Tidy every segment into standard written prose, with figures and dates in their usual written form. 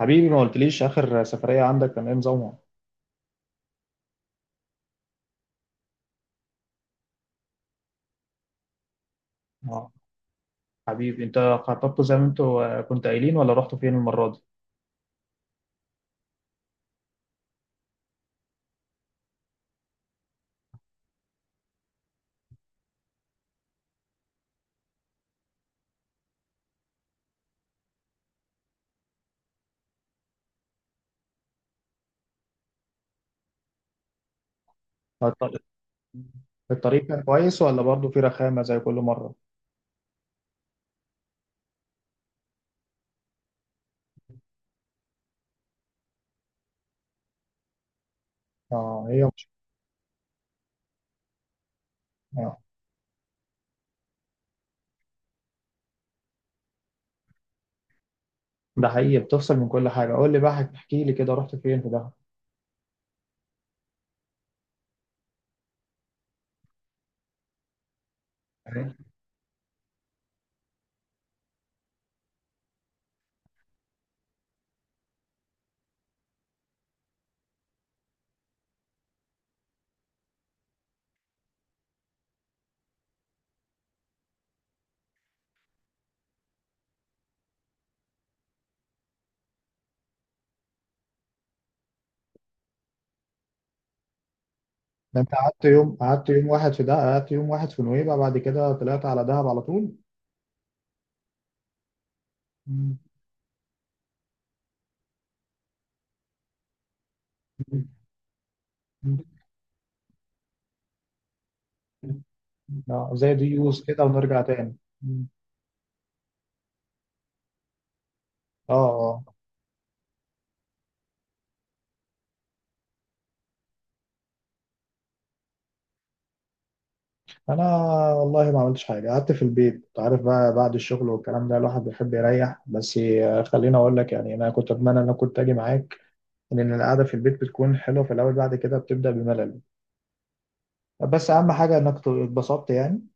حبيبي ما قلتليش آخر سفرية عندك كان إيه نظامها؟ آه، حبيبي أنت. خططتوا زي ما أنتوا كنتوا قايلين ولا رحتوا فين المرة دي؟ الط- الطريق كان كويس ولا برضه في رخامة زي كل مرة؟ آه، هي مش. آه. ده حقيقي، بتفصل من كل حاجة. قول لي بقى احكي لي كده، رحت فين في دهب؟ أيوة. ده أنت قعدت يوم قعدت يوم واحد في دهب، قعدت يوم واحد في نويبع، بعد كده طلعت على دهب على طول؟ مم. مم. مم. آه، زي دي يوز كده ونرجع تاني. مم. آه، انا والله ما عملتش حاجه، قعدت في البيت. انت عارف بقى، بعد الشغل والكلام ده الواحد بيحب يريح. بس خليني اقول لك يعني انا كنت اتمنى ان انا كنت اجي معاك، لان القعده في البيت بتكون حلوه في الاول، بعد كده بتبدا بملل. بس اهم حاجه انك اتبسطت يعني.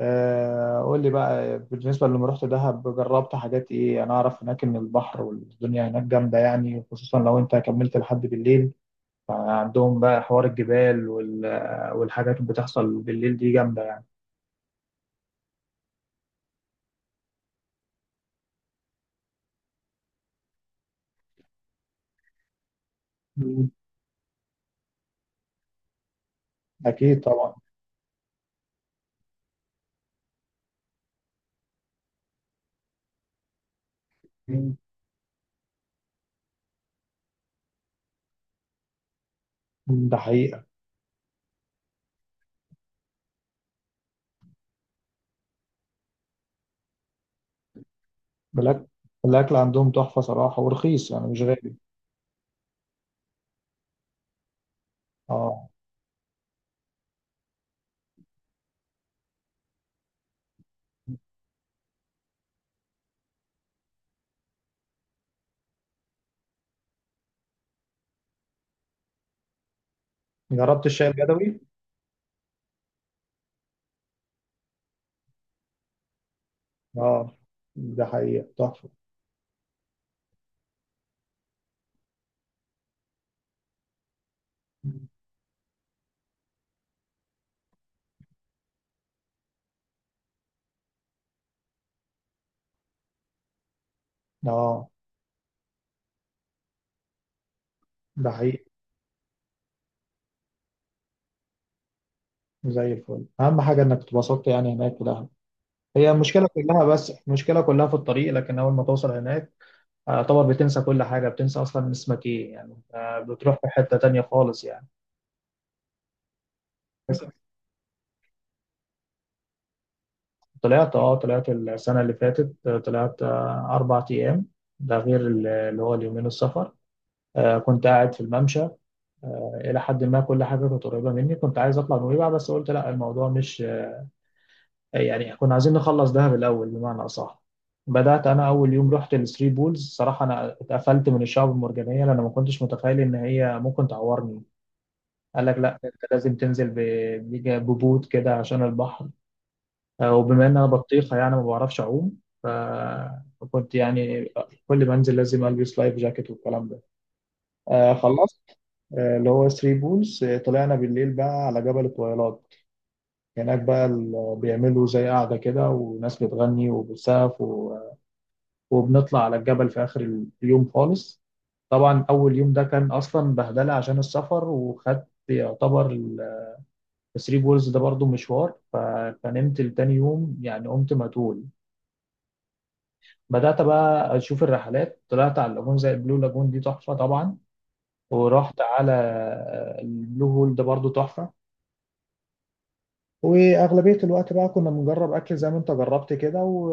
قول لي بقى، بالنسبه لما رحت دهب، جربت حاجات ايه؟ انا اعرف هناك ان البحر والدنيا هناك جامده يعني، خصوصا لو انت كملت لحد بالليل. عندهم بقى حوار الجبال والحاجات اللي بتحصل بالليل دي جامده يعني. مم. اكيد طبعا. ده حقيقة. الأكل الأكل عندهم تحفة صراحة ورخيص يعني مش غالي. اه، جربت الشاي البدوي. اه، ده حقيقة تحفة. اه، ده حقيقي. زي الفل، أهم حاجة إنك اتبسطت يعني هناك في دهب. هي المشكلة كلها بس المشكلة كلها في الطريق، لكن أول ما توصل هناك اعتبر بتنسى كل حاجة، بتنسى أصلا اسمك إيه يعني. بتروح في حتة تانية خالص يعني. بس طلعت، السنة اللي فاتت، طلعت أربع أيام. ده غير اللي هو اليومين السفر. كنت قاعد في الممشى، الى حد ما كل حاجه كانت قريبه مني. كنت عايز اطلع نويبع، بس قلت لا، الموضوع مش يعني كنا عايزين نخلص دهب الاول بمعنى اصح. بدات انا اول يوم رحت الثري بولز، صراحه انا اتقفلت من الشعب المرجانيه لان ما كنتش متخيل ان هي ممكن تعورني. قال لك لا انت لازم تنزل ببوت كده عشان البحر. وبما ان انا بطيخه يعني ما بعرفش اعوم، ف- فكنت يعني كل ما انزل لازم البس لايف جاكيت والكلام ده. خلصت، اللي هو ثري بولز. طلعنا بالليل بقى على جبل الطويلات. هناك بقى بيعملوا زي قاعدة كده، وناس بتغني وبتسقف وبنطلع على الجبل في آخر اليوم خالص. طبعا أول يوم ده كان أصلا بهدلة عشان السفر، وخدت يعتبر الثري بولز ده برضو مشوار، فنمت لتاني يوم يعني. قمت متول، بدأت بقى أشوف الرحلات. طلعت على اللاجون زي البلو لاجون، دي تحفة طبعا. ورحت على البلو هول، ده برضو تحفة. واغلبيه الوقت بقى كنا بنجرب اكل زي ما انت جربت كده،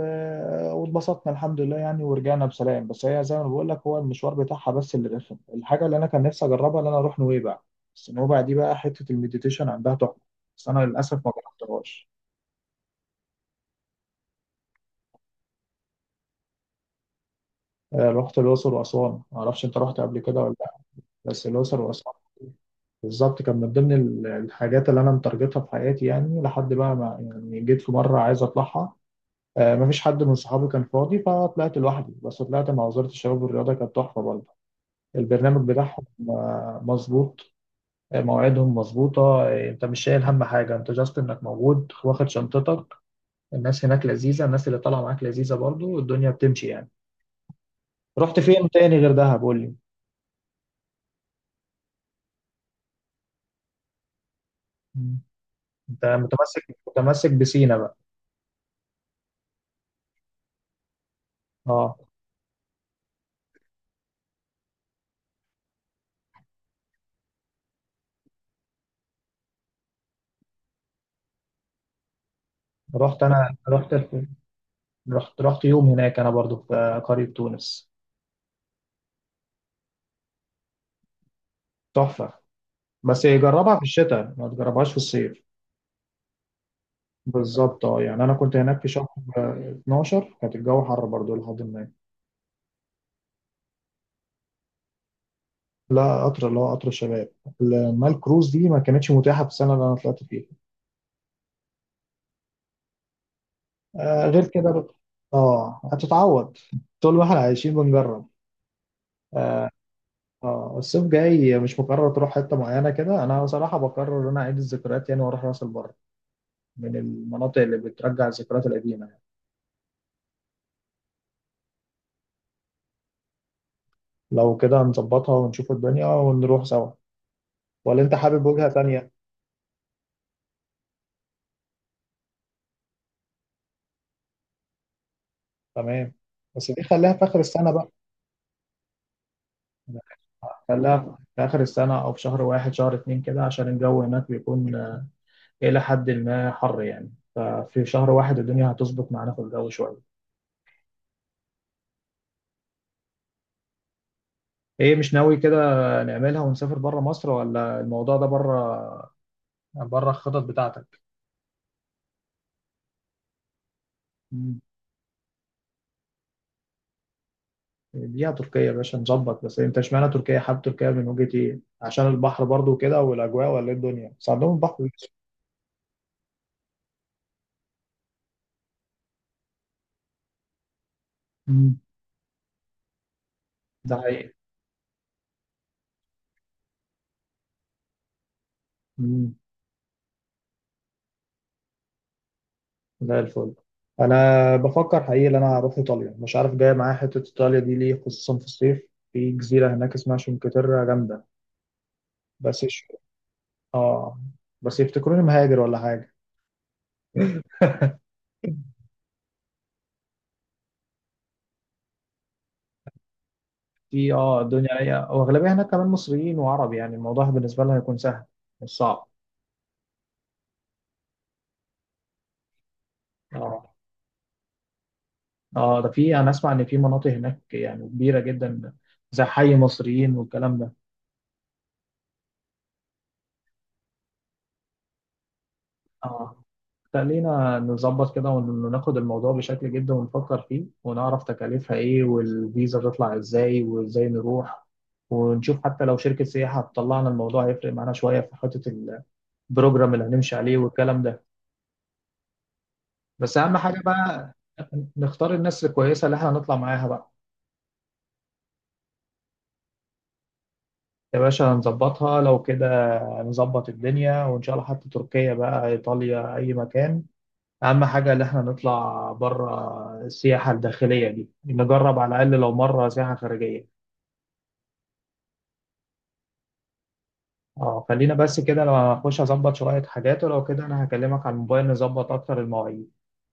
واتبسطنا الحمد لله يعني، ورجعنا بسلام. بس هي زي ما بقول لك، هو المشوار بتاعها بس اللي رخم. الحاجه اللي انا كان نفسي اجربها ان انا اروح نويبع، بس نويبع دي بقى حته المديتيشن عندها تحفه، بس انا للاسف ما جربتهاش. رحت الاقصر واسوان. ما اعرفش انت رحت قبل كده ولا لا؟ بس الاقصر واسوان بالظبط كان من ضمن الحاجات اللي انا مترجتها في حياتي يعني، لحد بقى ما يعني جيت في مره عايز اطلعها. مفيش حد من صحابي كان فاضي، فطلعت لوحدي، بس طلعت مع وزارة الشباب والرياضة، كانت تحفة برضه البرنامج بتاعهم. مظبوط. مواعيدهم مظبوطة. انت مش شايل هم حاجة، انت جاست انك موجود واخد شنطتك. الناس هناك لذيذة، الناس اللي طالعة معاك لذيذة، برضه الدنيا بتمشي يعني. رحت فين تاني غير دهب قول لي؟ مم. انت متمسك متمسك بسينا بقى. اه، رحت انا رحت رحت يوم هناك، انا برضه في قرية تونس. تحفة. بس جربها في الشتاء ما تجربهاش في الصيف. بالظبط. اه يعني انا كنت هناك في شهر 12، كانت الجو حر برضو لحد ما. لا، قطر، اللي هو قطر الشباب، لما الكروز دي ما كانتش متاحه في السنه اللي انا طلعت فيها. آه، غير كده بقى. اه، هتتعوض، طول ما احنا عايشين بنجرب. اه. الصيف جاي مش مقرر تروح حته معينه كده؟ انا صراحه بقرر ان انا اعيد الذكريات يعني، واروح راس البر، من المناطق اللي بترجع الذكريات القديمه يعني. لو كده نظبطها ونشوف الدنيا ونروح سوا، ولا انت حابب وجهه تانيه؟ تمام. بس دي خليها في اخر السنه بقى. خليها في آخر السنة أو في شهر واحد شهر اتنين كده، عشان الجو هناك بيكون إلى حد ما حر يعني، ففي شهر واحد الدنيا هتظبط معانا في الجو شوية. إيه، مش ناوي كده نعملها ونسافر بره مصر؟ ولا الموضوع ده بره الخطط بتاعتك؟ مم. دي تركيا يا باشا نظبط، بس أنت اشمعنى تركيا؟ حابب تركيا من وجهة إيه؟ عشان البحر برضو كده والأجواء، ولا إيه الدنيا؟ بس عندهم البحر. مم. ده حقيقي. زي الفل. انا بفكر حقيقي ان انا اروح ايطاليا، مش عارف جاي معايا حته ايطاليا دي ليه، خصوصا في الصيف في جزيره هناك اسمها شنكتيرا جامده. بس يش... اه بس يفتكروني مهاجر ولا حاجه. في، الدنيا هي، واغلبيه هناك كمان مصريين وعرب، يعني الموضوع بالنسبه لهم هيكون سهل، مش صعب. اه. اه، ده في، انا اسمع ان في مناطق هناك يعني كبيره جدا، زي حي مصريين والكلام ده. اه، خلينا نظبط كده وناخد الموضوع بشكل جدا ونفكر فيه، ونعرف تكاليفها ايه والفيزا تطلع ازاي وازاي نروح، ونشوف حتى لو شركة سياحة هتطلعنا الموضوع هيفرق معانا شوية في حتة البروجرام اللي هنمشي عليه والكلام ده. بس أهم حاجة بقى نختار الناس الكويسة اللي احنا هنطلع معاها بقى. يا باشا هنظبطها لو كده، هنظبط الدنيا، وإن شاء الله حتى تركيا بقى، إيطاليا، أي مكان. أهم حاجة إن إحنا نطلع بره السياحة الداخلية دي، نجرب على الأقل لو مرة سياحة خارجية. أه، خلينا بس كده، لو هنخش أظبط شوية حاجات ولو كده أنا هكلمك على الموبايل نظبط أكتر المواعيد.